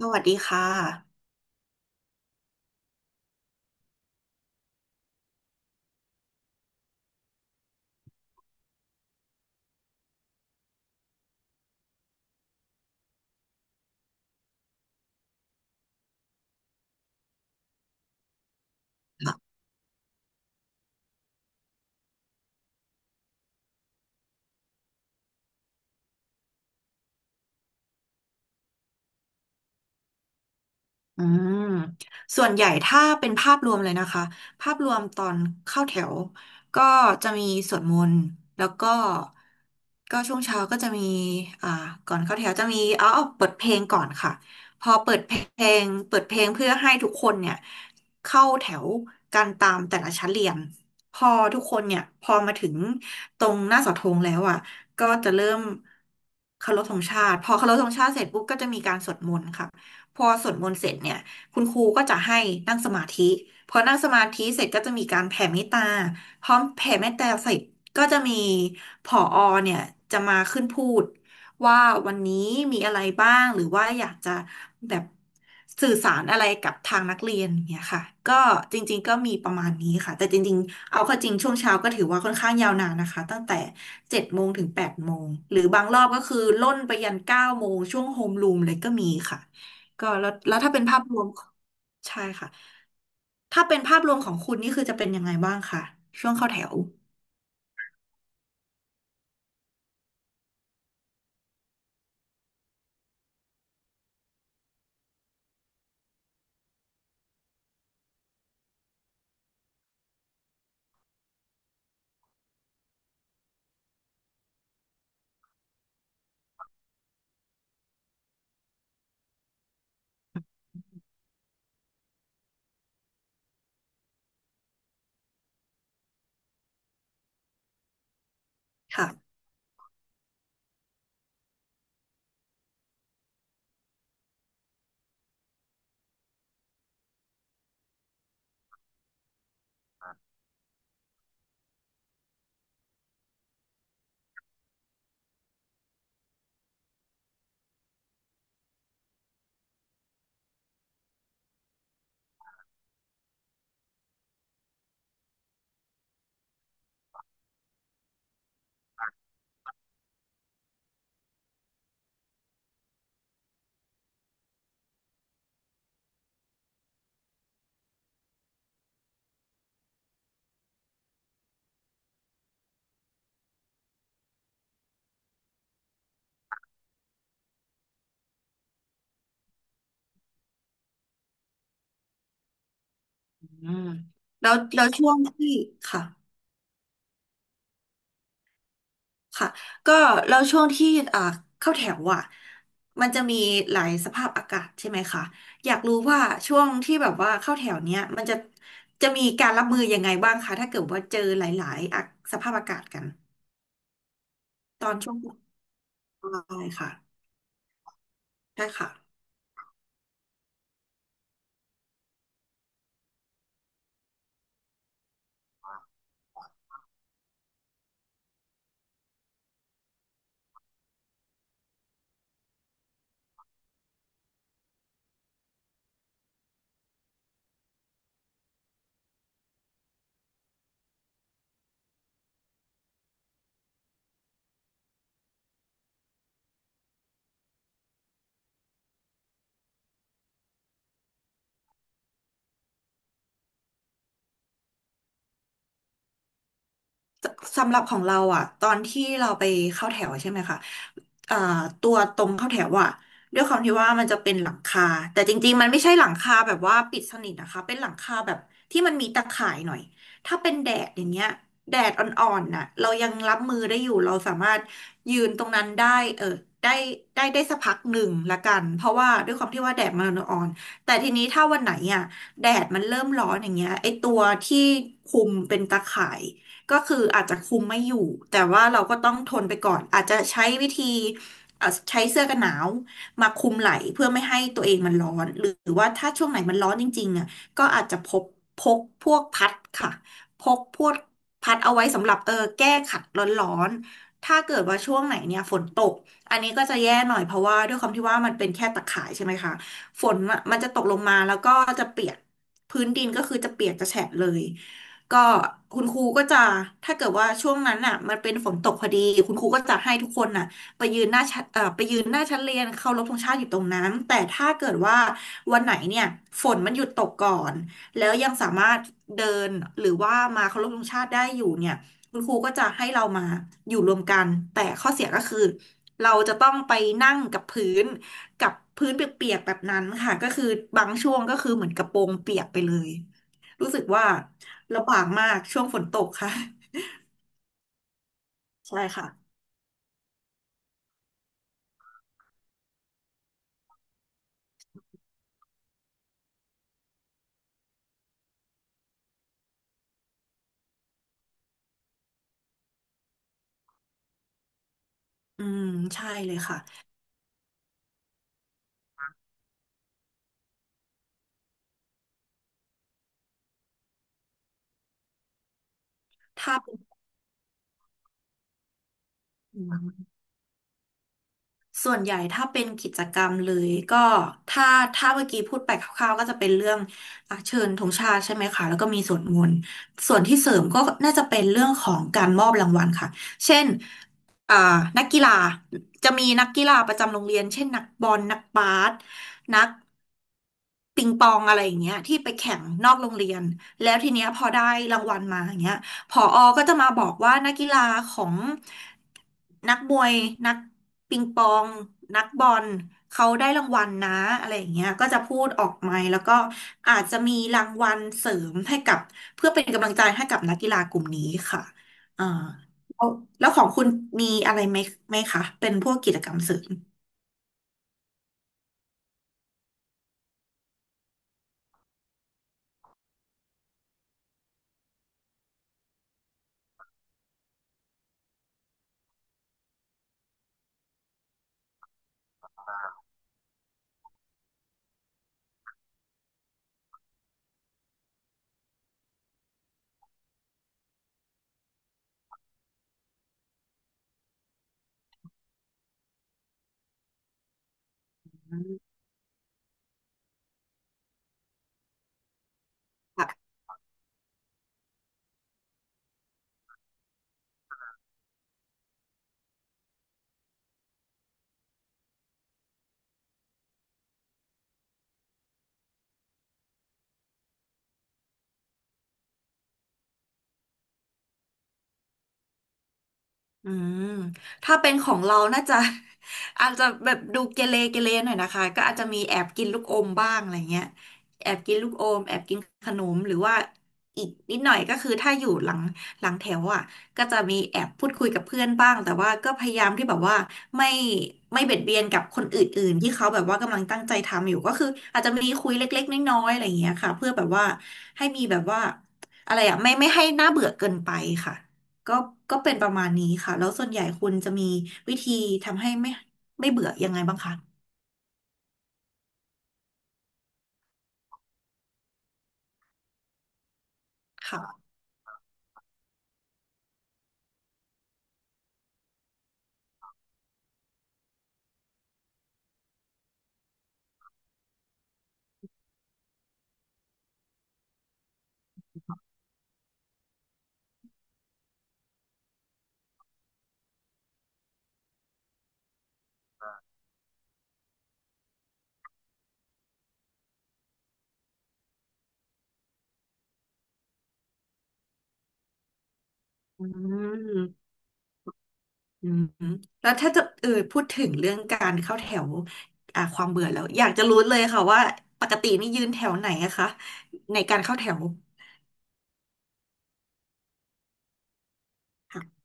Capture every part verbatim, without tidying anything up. สวัสดีค่ะ อืมส่วนใหญ่ถ้าเป็นภาพรวมเลยนะคะภาพรวมตอนเข้าแถวก็จะมีสวดมนต์แล้วก็ก็ช่วงเช้าก็จะมีอ่าก่อนเข้าแถวจะมีเอาเอาเปิดเพลงก่อนค่ะพอเปิดเพลงเปิดเพลงเพื่อให้ทุกคนเนี่ยเข้าแถวกันตามแต่ละชั้นเรียนพอทุกคนเนี่ยพอมาถึงตรงหน้าเสาธงแล้วอ่ะก็จะเริ่มเคารพธงชาติพอเคารพธงชาติเสร็จปุ๊บก็จะมีการสวดมนต์ค่ะ พอสวดมนต์เสร็จเนี่ยคุณครูก็จะให้นั่งสมาธิพอนั่งสมาธิเสร็จก็จะมีการแผ่เมตตาพร้อมแผ่เมตตาเสร็จก็จะมีผอเนี่ยจะมาขึ้นพูดว่าวันนี้มีอะไรบ้างหรือว่าอยากจะแบบสื่อสารอะไรกับทางนักเรียนอย่างเนี่ยค่ะก็จริงๆก็มีประมาณนี้ค่ะแต่จริงๆเอาเข้าจริงช่วงเช้าก็ถือว่าค่อนข้างยาวนานนะคะตั้งแต่เจ็ดโมงถึงแปดโมงหรือบางรอบก็คือล่นไปยันเก้าโมงช่วงโฮมรูมเลยก็มีค่ะ ก็แล้วแล้วถ้าเป็นภาพรวมใช่ค่ะถ้าเป็นภาพรวมของคุณนี่คือจะเป็นยังไงบ้างคะช่วงเข้าแถวค่ะอืมแล้วแล้วช่วงที่ค่ะค่ะก็แล้วช่วงที่อ่าเข้าแถวอ่ะมันจะมีหลายสภาพอากาศใช่ไหมคะอยากรู้ว่าช่วงที่แบบว่าเข้าแถวเนี้ยมันจะจะมีการรับมือยังไงบ้างคะถ้าเกิดว่าเจอหลายๆอะสภาพอากาศกันตอนช่วงปลายค่ะใช่ค่ะ สำหรับของเราอ่ะตอนที่เราไปเข้าแถวใช่ไหมคะเอ่อตัวตรงเข้าแถวอ่ะด้วยความที่ว่ามันจะเป็นหลังคาแต่จริงๆมันไม่ใช่หลังคาแบบว่าปิดสนิทนะคะเป็นหลังคาแบบที่มันมีตะข่ายหน่อยถ้าเป็นแดดอย่างเงี้ยแดดอ่อนๆน่ะเรายังรับมือได้อยู่เราสามารถยืนตรงนั้นได้เออได้ได้ได้สักพักหนึ่งละกันเพราะว่าด้วยความที่ว่าแดดมันอ่อนๆแต่ทีนี้ถ้าวันไหนอ่ะแดดมันเริ่มร้อนอย่างเงี้ยไอตัวที่คุมเป็นตะข่าย ก็คืออาจจะคุมไม่อยู่แต่ว่าเราก็ต้องทนไปก่อนอาจจะใช้วิธีเอ่อใช้เสื้อกันหนาวมาคุมไหล่เพื่อไม่ให้ตัวเองมันร้อนหรือว่าถ้าช่วงไหนมันร้อนจริงๆอ่ะก็อาจจะพกพกพวกพัดค่ะพกพวกพัดเอาไว้สำหรับเออแก้ขัดร้อนๆถ้าเกิดว่าช่วงไหนเนี่ยฝนตกอันนี้ก็จะแย่หน่อยเพราะว่าด้วยความที่ว่ามันเป็นแค่ตะข่ายใช่ไหมคะฝนมันมันจะตกลงมาแล้วก็จะเปียกพื้นดินก็คือจะเปียกจะแฉะเลย ก็คุณครูก็จะถ้าเกิดว่าช่วงนั้นน่ะมันเป็นฝนตกพอดีคุณครูก็จะให้ทุกคนน่ะไปยืนหน้าชั้นเอ่อไปยืนหน้าชั้นเรียนเคารพธงชาติอยู่ตรงนั้นแต่ถ้าเกิดว่าวันไหนเนี่ยฝนมันหยุดตกก่อนแล้วยังสามารถเดินหรือว่ามาเคารพธงชาติได้อยู่เนี่ยคุณครูก็จะให้เรามาอยู่รวมกันแต่ข้อเสียก็คือเราจะต้องไปนั่งกับพื้นกับพื้นเปียกๆแบบนั้นค่ะก็คือบางช่วงก็คือเหมือนกระโปรงเปียกไปเลย รู้สึกว่าลำบากมากช่วงฝนตกค่ะใช่ค่ะอืมใช่เลยค่ะถ้าเป็น ส่วนใหญ่ถ้าเป็นกิจกรรมเลยก็ถ้าถ้าเมื่อกี้พูดไปคร่าวๆก็จะเป็นเรื่องอ่ะเชิญธงชาติใช่ไหมคะแล้วก็มีสวดมนต์ส่วนที่เสริมก็น่าจะเป็นเรื่องของการมอบรางวัลค่ะเช่นอ่านักกีฬาจะมีนักกีฬาประจำโรงเรียนเช่นนักบอลนักบาสนักปิงปองอะไรอย่างเงี้ยที่ไปแข่งนอกโรงเรียนแล้วทีเนี้ยพอได้รางวัลมาอย่างเงี้ย ผอก็จะมาบอกว่านักกีฬาของนักมวยนักปิงปองนักบอลเขาได้รางวัลนะอะไรอย่างเงี้ยก็จะพูดออกไมค์แล้วก็อาจจะมีรางวัลเสริมให้กับเพื่อเป็นกำลังใจให้กับนักกีฬากลุ่มนี้ค่ะอ่าแล้วแล้วของคุณมีอะไรไหมไหมคะเป็นพวกกิจกรรมเสริม อืมถ้าเป็นของเราน่าจะ อาจจะแบบดูเกเรเกเรหน่อยนะคะก็อาจจะมีแอบกินลูกอมบ้างอะไรเงี้ยแอบกินลูกอม แอบกินขนมหรือว่าอีกนิดหน่อย ก็คือถ้าอยู่หลังหลังแถวอ่ะก็จะมีแอบพูดคุยกับเพื่อนบ้าง แต่ว่าก็พยายามที่แบบว่าไม่ไม่เบียดเบียนกับคนอื่นๆที่เขาแบบว่ากำลังตั้งใจทำอยู่ ก็คืออาจจะมีคุยเล็กๆน้อยๆอะไรเงี้ยค่ะเพื่อแบบว่าให้มีแบบว่าอะไรอ่ะไม่ไม่ให้น่าเบื่อเกินไปค่ะ ก็ก็เป็นประมาณนี้ค่ะแล้วส่วนใหญ่คุณจะมีวิธีทำให้ไม่ไม่เบื่อยังไงบ้างคะค่ะอืมอืมแล้วถ้าจะเออพูดถึงเรื่องการเข้าแถวอ่าความเบื่อแล้วอยากจะรู้เลยค่ะว่าปกตินี่ยืนแถวไหนอะคะในการเข้าแถวค่ะ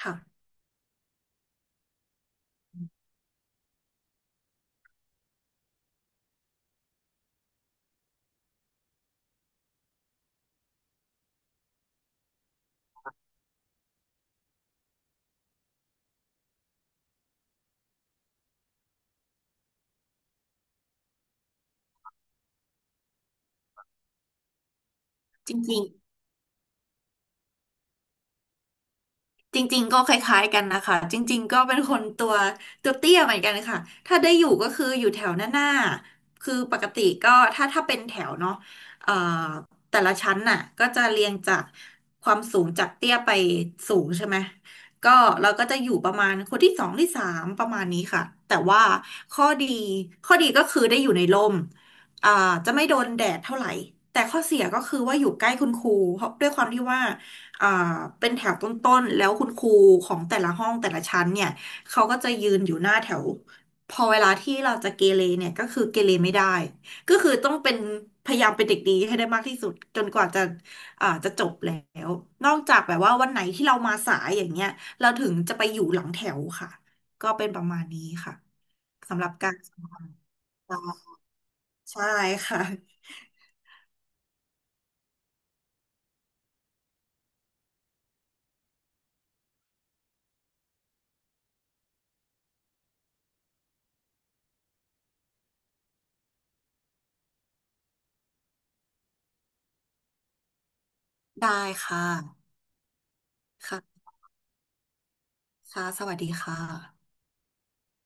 ค่ะจริงๆ จริงๆก็คล้ายๆกันนะคะจริงๆก็เป็นคนตัวตัวเตี้ยเหมือนกันค่ะถ้าได้อยู่ก็คืออยู่แถวหน้าๆคือปกติก็ถ้าถ้าเป็นแถวเนาะเอ่อแต่ละชั้นน่ะก็จะเรียงจากความสูงจากเตี้ยไปสูงใช่ไหมก็เราก็จะอยู่ประมาณคนที่สองที่สามประมาณนี้ค่ะแต่ว่าข้อดีข้อดีก็คือได้อยู่ในร่มอ่าจะไม่โดนแดดเท่าไหร่แต่ข้อเสียก็คือว่าอยู่ใกล้คุณครูเพราะด้วยความที่ว่า อ่าเป็นแถวต้นๆ แล้วคุณครูของแต่ละห้องแต่ละชั้นเนี่ยเขาก็จะยืนอยู่หน้าแถวพอเวลาที่เราจะเกเรเนี่ยก็คือเกเรไม่ได้ก็คือต้องเป็นพยายามเป็นเด็กดีให้ได้มากที่สุดจนกว่าจะอ่าจะจบแล้วนอกจากแบบว่าวันไหนที่เรามาสายอย่างเงี้ยเราถึงจะไปอยู่หลังแถวค่ะก็เป็นประมาณนี้ค่ะสำหรับการสอนใช่ค่ะได้ค่ะค่ะค่ะสวัสดีค่ะ